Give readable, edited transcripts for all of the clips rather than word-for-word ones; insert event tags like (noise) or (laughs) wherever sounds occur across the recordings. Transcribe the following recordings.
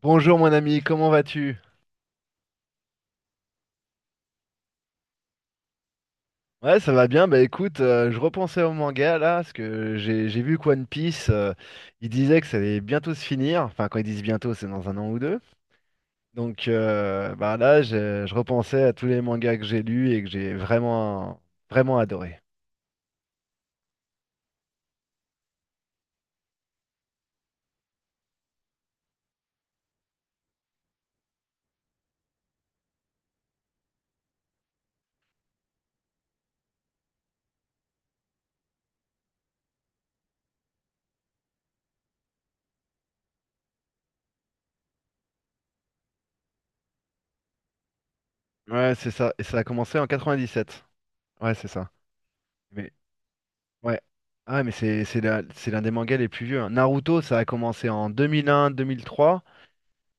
Bonjour mon ami, comment vas-tu? Ouais, ça va bien. Bah écoute, je repensais au manga là, parce que j'ai vu que One Piece, il disait que ça allait bientôt se finir. Enfin, quand ils disent bientôt, c'est dans un an ou deux. Donc bah là, je repensais à tous les mangas que j'ai lus et que j'ai vraiment vraiment adoré. Ouais, c'est ça. Et ça a commencé en 97. Ouais, c'est ça. Mais ouais. Ah, mais c'est l'un des mangas les plus vieux, hein. Naruto, ça a commencé en 2001-2003.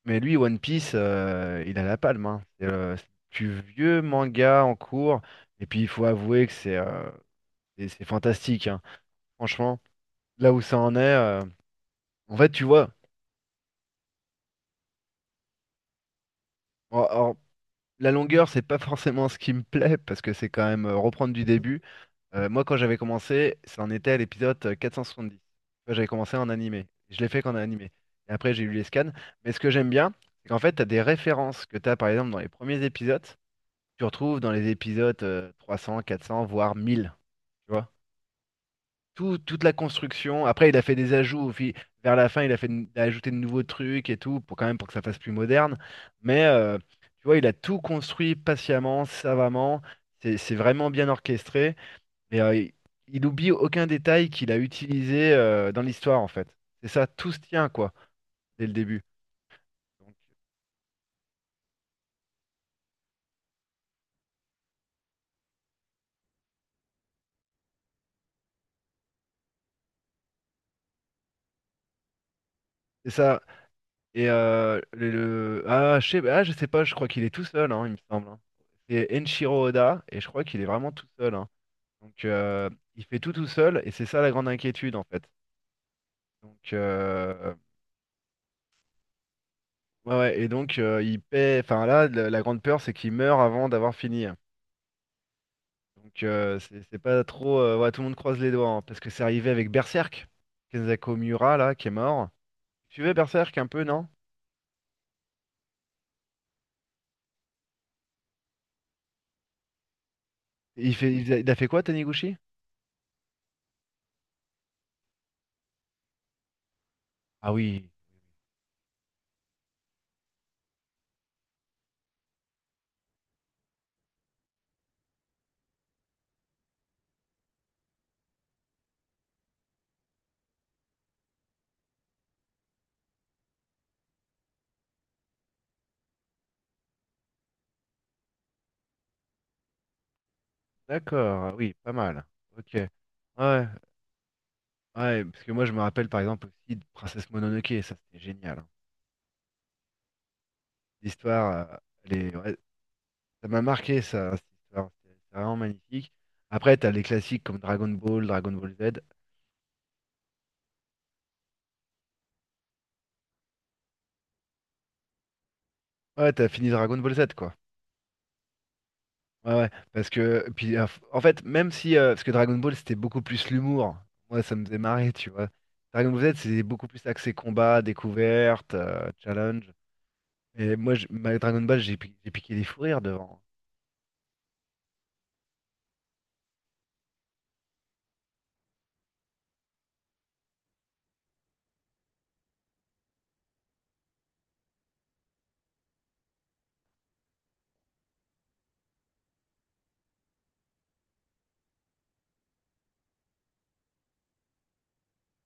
Mais lui, One Piece, il a la palme, hein. C'est le plus vieux manga en cours. Et puis, il faut avouer que c'est fantastique, hein. Franchement, là où ça en est, en fait, tu vois, or- or, la longueur, c'est pas forcément ce qui me plaît parce que c'est quand même reprendre du début. Moi, quand j'avais commencé, ça en était à l'épisode 470. Tu vois, j'avais commencé en animé. Je l'ai fait qu'en animé. Et après, j'ai eu les scans. Mais ce que j'aime bien, c'est qu'en fait, tu as des références que tu as, par exemple, dans les premiers épisodes, tu retrouves dans les épisodes 300, 400, voire 1000, tu vois. Toute la construction. Après, il a fait des ajouts vers la fin. Il a ajouté de nouveaux trucs et tout, pour quand même pour que ça fasse plus moderne. Mais euh, tu vois, il a tout construit patiemment, savamment. C'est vraiment bien orchestré. Mais euh, il, il oublie aucun détail qu'il a utilisé dans l'histoire, en fait. C'est ça, tout se tient, quoi, dès le début. Donc, c'est ça. Ah, je sais pas, je crois qu'il est tout seul, hein, il me semble, hein. C'est Enshiro Oda, et je crois qu'il est vraiment tout seul, hein. Donc, euh, il fait tout tout seul, et c'est ça la grande inquiétude, en fait. Donc, euh, ouais, ouais, et donc, il paie. Enfin, là, la grande peur, c'est qu'il meurt avant d'avoir fini, hein. C'est pas trop. Ouais, tout le monde croise les doigts, hein, parce que c'est arrivé avec Berserk, Kenzaku Miura, là, qui est mort. Tu veux Berserk un peu, non? Il fait... il a fait quoi, Taniguchi? Ah oui. D'accord, ah oui, pas mal. Ok. Ouais, ouais, parce que moi je me rappelle par exemple aussi de Princesse Mononoke, ça c'était génial, hein. L'histoire, euh, ouais, ça m'a marqué ça, cette histoire, c'est vraiment magnifique. Après, t'as les classiques comme Dragon Ball, Dragon Ball Z. Ouais, t'as fini Dragon Ball Z quoi. Ouais, ouais, parce que, puis en fait, même si, parce que Dragon Ball c'était beaucoup plus l'humour, moi ça me faisait marrer, tu vois. Dragon Ball Z c'était beaucoup plus axé combat, découverte, challenge. Et moi, ma Dragon Ball, j'ai piqué des fous rires devant.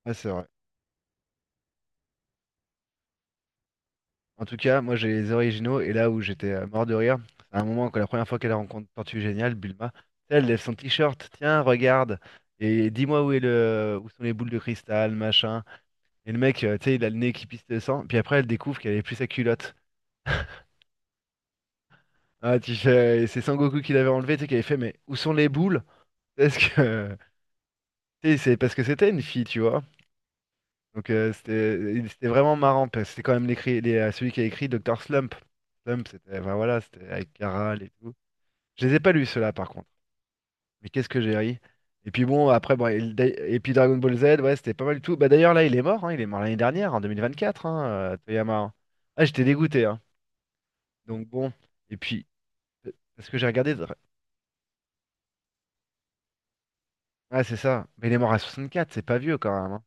Ouais, c'est vrai. En tout cas, moi j'ai les originaux et là où j'étais mort de rire, c'est un moment quand la première fois qu'elle rencontre Tortue Géniale, Bulma, tu sais, elle lève son t-shirt, tiens, regarde, et dis-moi où est le où sont les boules de cristal, machin. Et le mec, tu sais, il a le nez qui pisse le sang, puis après elle découvre qu'elle avait plus sa culotte. (laughs) Ah, et c'est Sangoku qui l'avait enlevé, tu sais, qui avait fait, mais où sont les boules? Parce que (laughs) tu sais, c'est parce que c'était une fille, tu vois. C'était vraiment marrant parce que c'était quand même celui qui a écrit Docteur Slump. Slump c'était enfin, voilà, c'était avec Carral et tout. Je les ai pas lus ceux-là par contre. Mais qu'est-ce que j'ai ri. Et puis bon après bon et, le Dai- et puis Dragon Ball Z ouais, c'était pas mal du tout. Bah d'ailleurs là il est mort hein, il est mort l'année dernière en 2024 hein, Toyama, hein. Ah, j'étais dégoûté hein. Donc bon et puis parce que j'ai regardé Dra- Ah, c'est ça. Mais il est mort à 64, c'est pas vieux quand même, hein.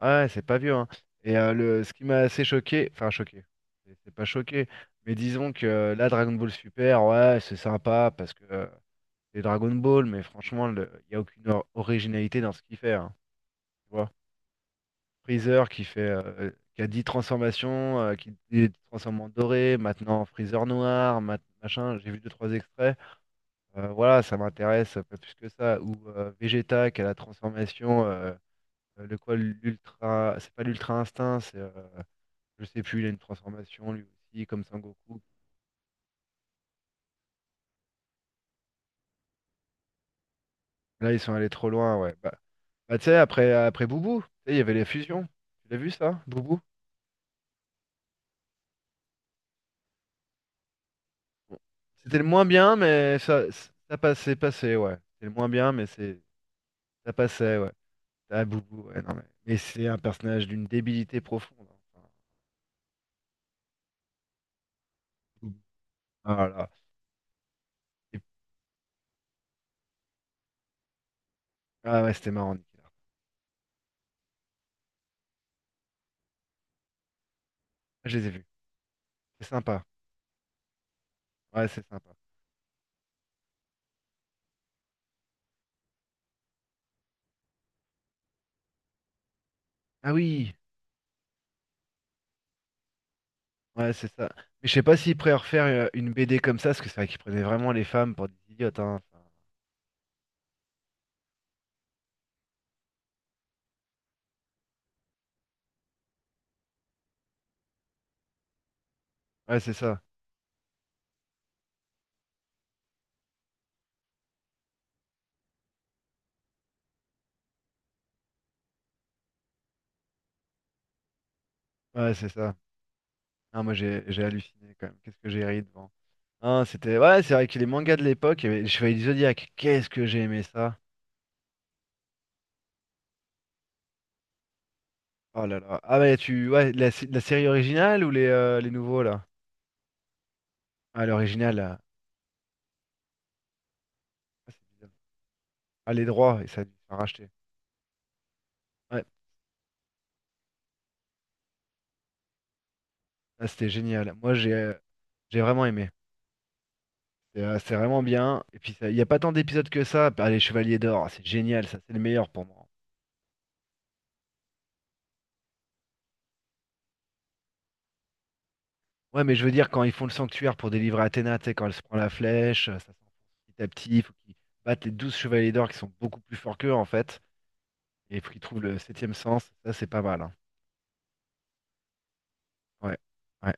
Ah ouais, c'est pas vieux, hein. Ce qui m'a assez choqué, enfin choqué, c'est pas choqué, mais disons que là, Dragon Ball Super, ouais, c'est sympa parce que c'est Dragon Ball, mais franchement, il n'y a aucune originalité dans ce qu'il fait, hein, tu vois. Freezer qui fait, qui a 10 transformations, qui se transforme en doré, maintenant Freezer noir, machin, j'ai vu deux trois extraits. Voilà, ça m'intéresse pas plus que ça. Ou Vegeta qui a la transformation, le quoi, l'ultra, c'est pas l'ultra instinct, c'est je sais plus, il a une transformation lui aussi, comme Sangoku. Là, ils sont allés trop loin, ouais. Bah, tu sais, après Boubou, tu sais, il y avait les fusions. Tu l'as vu ça, Boubou? Bon. C'était le moins bien, mais ça passait, passé, ouais. C'était le moins bien, mais ça passait, ouais. Ah, Boubou, ouais, non, mais c'est un personnage d'une débilité profonde, hein. Enfin, Boubou. Ah là là. Et- ah ouais, c'était marrant, Nicolas. Je les ai vus. C'est sympa. Ouais, c'est sympa. Ah oui! Ouais, c'est ça. Mais je sais pas s'ils pourraient refaire une BD comme ça, parce que c'est vrai qu'ils prenaient vraiment les femmes pour des idiotes, hein. Enfin, ouais, c'est ça. Ouais, c'est ça. Ah, moi, j'ai halluciné quand même. Qu'est-ce que j'ai ri devant. Ah, c'était. Ouais, c'est vrai que les mangas de l'époque, il y avait les Chevaliers du Zodiaque. Qu'est-ce que j'ai aimé ça. Oh là là. Ah, mais tu. Ouais, la série originale ou les nouveaux, là? Ah, l'original, là. Ah, c'est bizarre. Ah, les droits, et ça a dû se faire racheter. Ouais, ah, c'était génial. Moi, j'ai vraiment aimé. C'est vraiment bien. Et puis, il n'y a pas tant d'épisodes que ça. Ah, les Chevaliers d'Or, ah, c'est génial, ça, c'est le meilleur pour moi. Ouais, mais je veux dire, quand ils font le sanctuaire pour délivrer Athéna, tu sais, quand elle se prend la flèche, ça s'enfonce petit à petit. Il faut qu'ils battent les 12 Chevaliers d'Or qui sont beaucoup plus forts qu'eux, en fait. Et il faut qu'ils trouvent le septième sens. Ça, c'est pas mal, hein. Ouais. Ouais.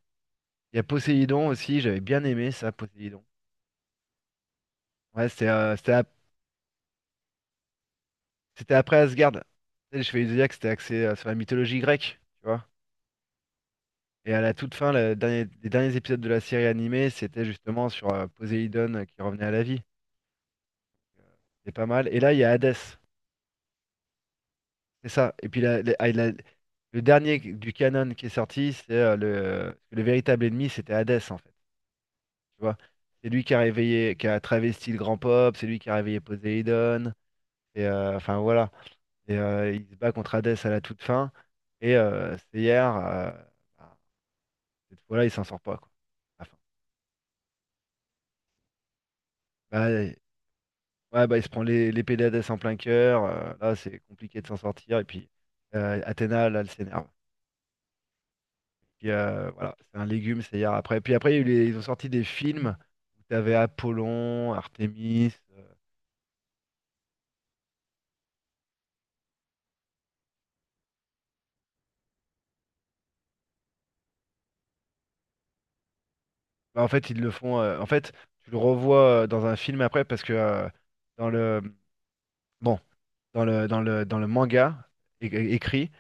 Il y a Poséidon aussi, j'avais bien aimé ça, Poséidon. Ouais, c'était après Asgard. Tu sais, Les Chevaliers du Zodiaque, c'était axé sur la mythologie grecque, tu vois. Et à la toute fin, les derniers épisodes de la série animée, c'était justement sur Poséidon qui revenait à la vie. Euh, C'est pas mal. Et là, il y a Hadès. C'est ça. Et puis le dernier du canon qui est sorti, le véritable ennemi, c'était Hadès, en fait. Tu vois? C'est lui qui a réveillé, qui a travesti le grand pop, c'est lui qui a réveillé Poséidon. Enfin voilà. Il se bat contre Hadès à la toute fin. C'est hier, bah, cette fois-là, il s'en sort pas, quoi. Enfin, bah, ouais, bah, il se prend l'épée d'Hadès en plein cœur. Là, c'est compliqué de s'en sortir. Et puis, Athéna, là, elle s'énerve. Puis, voilà, c'est un légume, c'est hier après. Puis après, il y a eu les- ils ont sorti des films où tu avais Apollon, Artémis. Ils le font. Tu le revois dans un film après parce que dans le, bon, dans le, dans le, dans le manga é- écrit,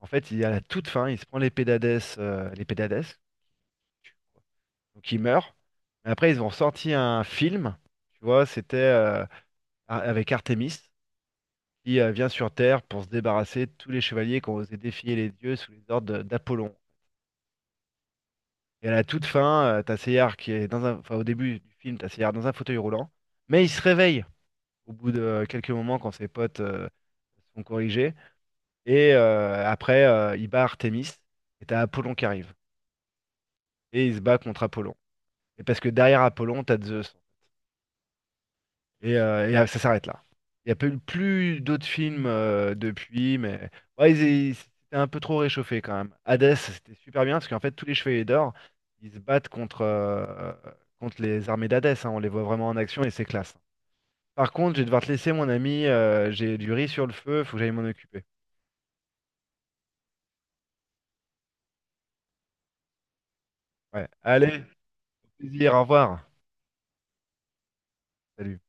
en fait, il y a la toute fin, il se prend l'épée d'Hadès, l'épée d'Hadès, donc il meurt. Mais après, ils ont sorti un film, tu vois, avec Artemis, qui vient sur Terre pour se débarrasser de tous les chevaliers qui ont osé défier les dieux sous les ordres d'Apollon. Et à la toute fin, t'as Seyard qui est dans un... Enfin, au début du film, t'as Seyard dans un fauteuil roulant, mais il se réveille au bout de quelques moments quand ses potes sont corrigés. Après, il bat Artemis, et t'as Apollon qui arrive. Et il se bat contre Apollon. Et parce que derrière Apollon, t'as Zeus. Ça s'arrête là. Il n'y a pas eu plus d'autres films depuis, mais ouais, c'était un peu trop réchauffé quand même. Hades, c'était super bien parce qu'en fait, tous les chevaliers d'or, ils se battent contre, contre les armées d'Hadès, hein. On les voit vraiment en action et c'est classe. Par contre, je vais devoir te laisser, mon ami. J'ai du riz sur le feu, faut que j'aille m'en occuper. Ouais. Allez, au plaisir, au revoir. Salut.